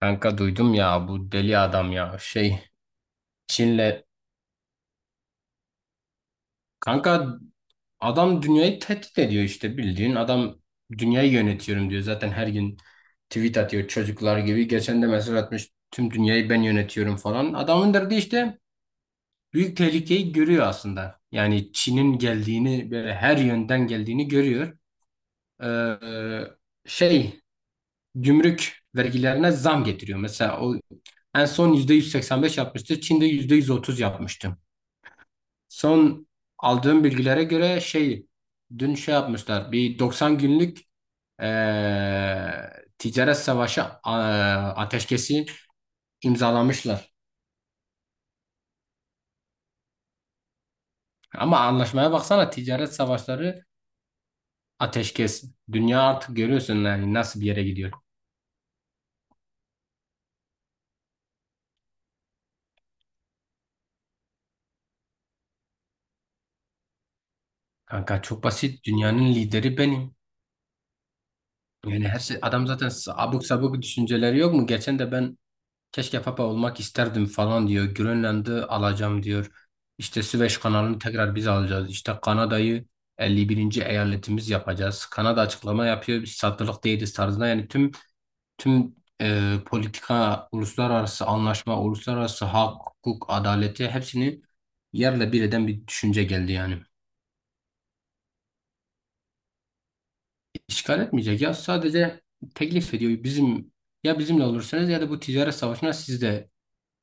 Kanka duydum ya bu deli adam ya Çin'le kanka adam dünyayı tehdit ediyor işte bildiğin adam dünyayı yönetiyorum diyor zaten her gün tweet atıyor çocuklar gibi. Geçen de mesaj atmış, tüm dünyayı ben yönetiyorum falan. Adamın derdi işte büyük tehlikeyi görüyor aslında. Yani Çin'in geldiğini, böyle her yönden geldiğini görüyor. Ee, şey Gümrük vergilerine zam getiriyor mesela. O en son %185 yapmıştı, Çin'de %130 yapmıştı. Son aldığım bilgilere göre dün yapmışlar, bir 90 günlük ticaret savaşı ateşkesi imzalamışlar. Ama anlaşmaya baksana, ticaret savaşları ateşkes. Dünya artık görüyorsun yani nasıl bir yere gidiyor. Kanka çok basit, dünyanın lideri benim. Yani her şey, adam zaten abuk sabuk düşünceleri yok mu? Geçen de ben, keşke papa olmak isterdim falan diyor. Grönland'ı alacağım diyor. İşte Süveyş kanalını tekrar biz alacağız. İşte Kanada'yı 51. eyaletimiz yapacağız. Kanada açıklama yapıyor, biz satılık değiliz tarzında. Yani tüm politika, uluslararası anlaşma, uluslararası hak, hukuk, adaleti hepsini yerle bir eden bir düşünce geldi yani. İşgal etmeyecek ya, sadece teklif ediyor. Bizim, ya bizimle olursanız ya da bu ticaret savaşına siz de.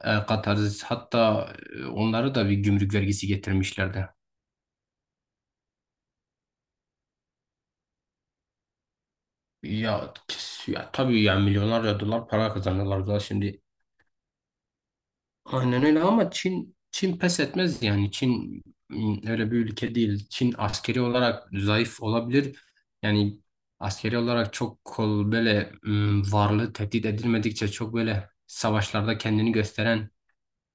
Katarsis hatta onlara da bir gümrük vergisi getirmişlerdi. Ya tabii ya, milyonlarca dolar para kazanıyorlar da şimdi. Aynen öyle. Ama Çin pes etmez, yani Çin öyle bir ülke değil. Çin askeri olarak zayıf olabilir. Yani askeri olarak çok kol böyle, varlığı tehdit edilmedikçe çok böyle savaşlarda kendini gösteren,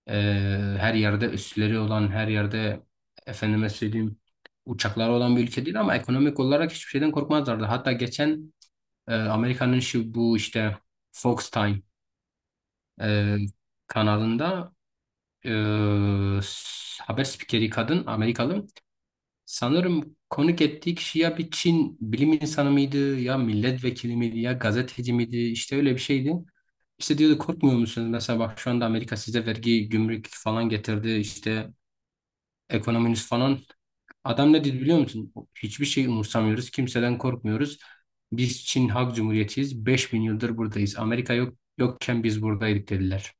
Her yerde üsleri olan, her yerde efendime söyleyeyim uçakları olan bir ülke değil, ama ekonomik olarak hiçbir şeyden korkmazlardı. Hatta geçen Amerika'nın şu bu işte Fox Time e, kanalında, e, haber spikeri kadın Amerikalı, sanırım konuk ettiği kişi ya bir Çin bilim insanı mıydı, ya milletvekili miydi, ya gazeteci miydi, işte öyle bir şeydi. İşte diyordu, korkmuyor musunuz? Mesela bak, şu anda Amerika size vergi, gümrük falan getirdi. İşte ekonominiz falan. Adam ne dedi biliyor musun? Hiçbir şey umursamıyoruz. Kimseden korkmuyoruz. Biz Çin Halk Cumhuriyeti'yiz. 5000 yıldır buradayız. Amerika yok yokken biz buradaydık, dediler.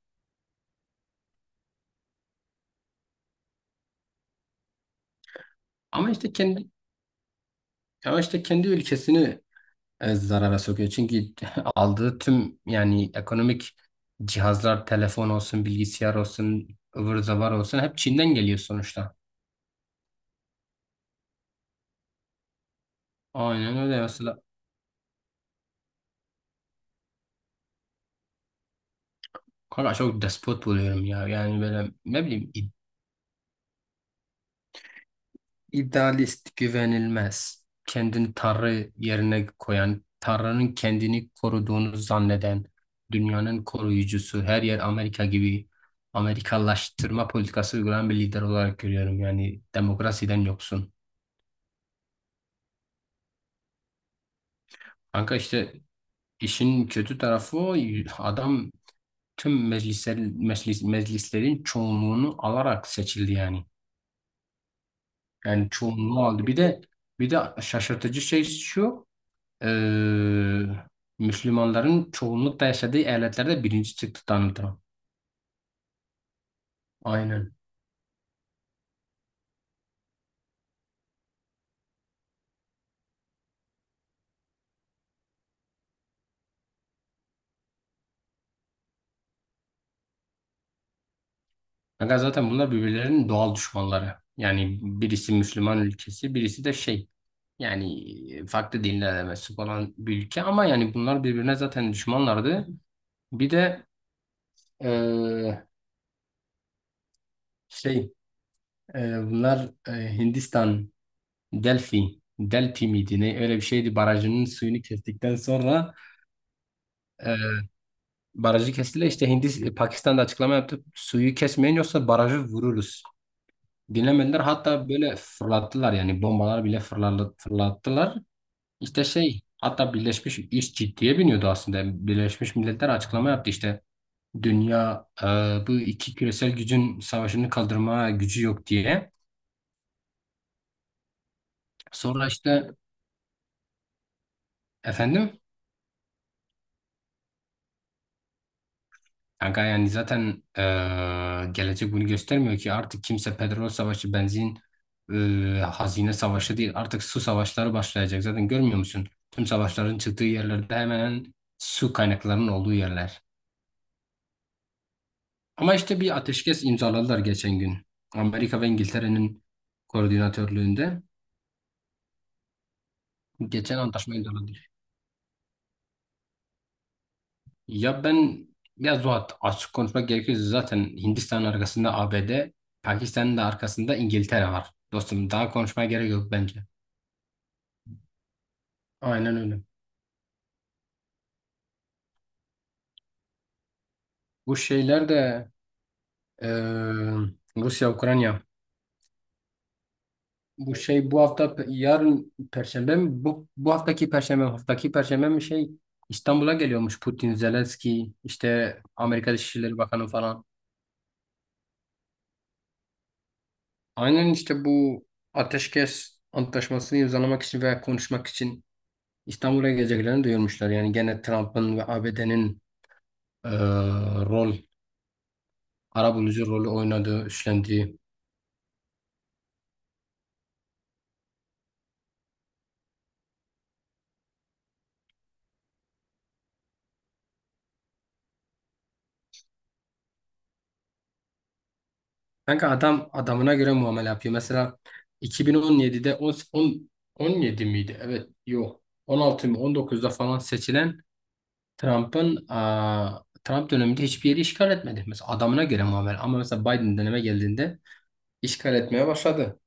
Ama işte kendi Ama işte kendi ülkesini zarara sokuyor. Çünkü aldığı tüm yani ekonomik cihazlar, telefon olsun, bilgisayar olsun, ıvır zıvır olsun, hep Çin'den geliyor sonuçta. Aynen öyle mesela. Kanka çok despot buluyorum ya. Yani böyle ne bileyim, İdealist, güvenilmez, kendini Tanrı yerine koyan, Tanrı'nın kendini koruduğunu zanneden, dünyanın koruyucusu, her yer Amerika gibi Amerikalaştırma politikası uygulayan bir lider olarak görüyorum. Yani demokrasiden yoksun. Kanka işte işin kötü tarafı o, adam tüm meclisler, meclis, meclislerin çoğunluğunu alarak seçildi yani. Yani çoğunluğu aldı. Bir de şaşırtıcı şey şu, eee, Müslümanların çoğunlukla yaşadığı eyaletlerde birinci çıktı Donald Trump. Aynen. Fakat zaten bunlar birbirlerinin doğal düşmanları. Yani birisi Müslüman ülkesi, birisi de şey, yani farklı dinlere de mensup olan bir ülke, ama yani bunlar birbirine zaten düşmanlardı. Bir de eee, şey bunlar Hindistan Delhi miydi ne, öyle bir şeydi, barajının suyunu kestikten sonra e, barajı kestiler. İşte Pakistan'da açıklama yaptı, suyu kesmeyin yoksa barajı vururuz. Dinlemediler. Hatta böyle fırlattılar, yani bombalar bile fırlattılar. İşte şey, hatta Birleşmiş iş ciddiye biniyordu aslında. Yani Birleşmiş Milletler açıklama yaptı işte. Dünya bu iki küresel gücün savaşını kaldırma gücü yok diye. Sonra işte efendim, kanka yani zaten gelecek bunu göstermiyor ki. Artık kimse petrol savaşı, benzin, hazine savaşı değil. Artık su savaşları başlayacak. Zaten görmüyor musun? Tüm savaşların çıktığı yerlerde hemen hemen su kaynaklarının olduğu yerler. Ama işte bir ateşkes imzaladılar geçen gün. Amerika ve İngiltere'nin koordinatörlüğünde geçen antlaşma imzaladı. Ya ben ya Zuhat, açık konuşmak gerekirse zaten Hindistan'ın arkasında ABD, Pakistan'ın da arkasında İngiltere var. Dostum daha konuşmaya gerek yok bence. Aynen öyle. Bu şeyler de eee, Rusya, Ukrayna. Bu hafta yarın Perşembe mi? Haftaki Perşembe mi İstanbul'a geliyormuş Putin, Zelenski, işte Amerika Dışişleri Bakanı falan. Aynen işte bu ateşkes antlaşmasını imzalamak için veya konuşmak için İstanbul'a geleceklerini duyurmuşlar. Yani gene Trump'ın ve ABD'nin e, rol, arabulucu rolü oynadığı, üstlendiği. Kanka adam adamına göre muamele yapıyor. Mesela 2017'de 10, 10 17 miydi? Evet, yok. 16 mı 19'da falan seçilen Trump döneminde hiçbir yeri işgal etmedi. Mesela adamına göre muamele. Ama mesela Biden döneme geldiğinde işgal etmeye başladı.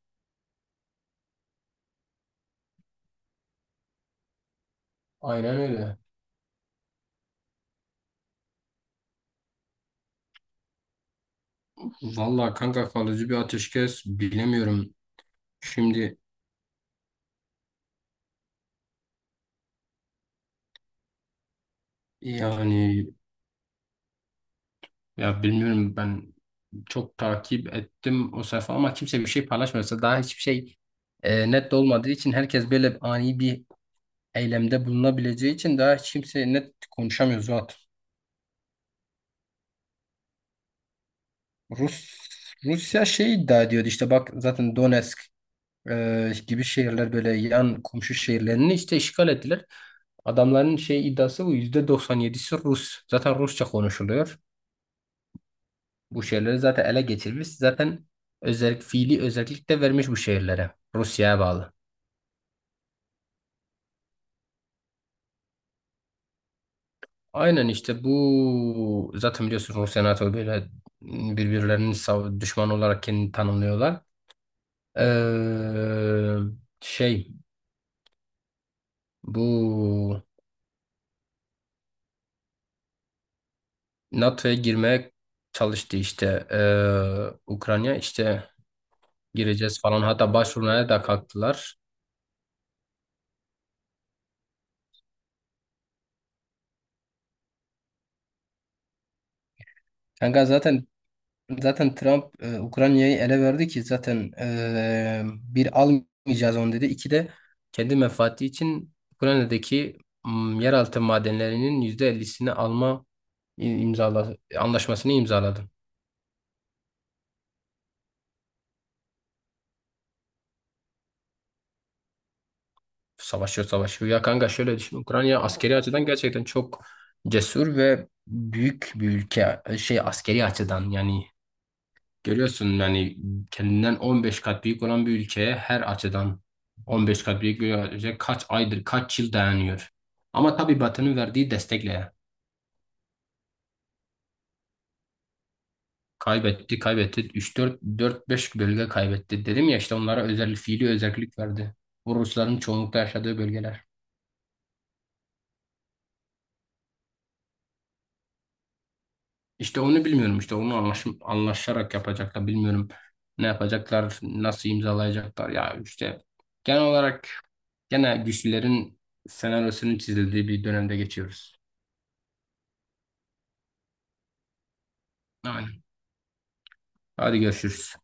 Aynen öyle. Vallahi kanka, kalıcı bir ateşkes bilemiyorum. Şimdi yani Ya Bilmiyorum. Ben çok takip ettim o sayfa, ama kimse bir şey paylaşmıyorsa, daha hiçbir şey net olmadığı için, herkes böyle ani bir eylemde bulunabileceği için daha hiç kimse net konuşamıyor zaten. Rus Rusya iddia ediyordu, işte bak zaten Donetsk gibi şehirler, böyle yan komşu şehirlerini işte işgal ettiler. Adamların iddiası bu, %97'si Rus. Zaten Rusça konuşuluyor. Bu şehirleri zaten ele geçirmiş. Zaten özellik, fiili özellik de vermiş bu şehirlere. Rusya'ya bağlı. Aynen işte bu, zaten biliyorsun Rusya NATO böyle birbirlerinin düşman olarak kendini tanımlıyorlar. Ee, şey bu NATO'ya girmeye çalıştı işte, Ukrayna işte gireceğiz falan, hatta başvurmaya da kalktılar. Kanka zaten Zaten Trump Ukrayna'yı ele verdi ki zaten, bir, almayacağız onu dedi. İki de kendi menfaati için Ukrayna'daki yeraltı madenlerinin %50'sini imzaladı, anlaşmasını imzaladı. Savaşıyor, savaşıyor. Ya kanka şöyle düşün. Ukrayna askeri açıdan gerçekten çok cesur ve büyük bir ülke. Şey askeri açıdan yani görüyorsun yani kendinden 15 kat büyük olan bir ülkeye her açıdan 15 kat büyük bir ülke kaç aydır, kaç yıl dayanıyor. Ama tabii Batı'nın verdiği destekle kaybetti, kaybetti. 3-4, 4-5 bölge kaybetti. Dedim ya, işte onlara özel, fiili özellik verdi. Bu Rusların çoğunlukla yaşadığı bölgeler. İşte onu bilmiyorum. İşte onu anlaşarak yapacaklar, bilmiyorum. Ne yapacaklar, nasıl imzalayacaklar ya, işte genel olarak gene güçlülerin senaryosunu çizildiği bir dönemde geçiyoruz. Aynen. Hadi görüşürüz.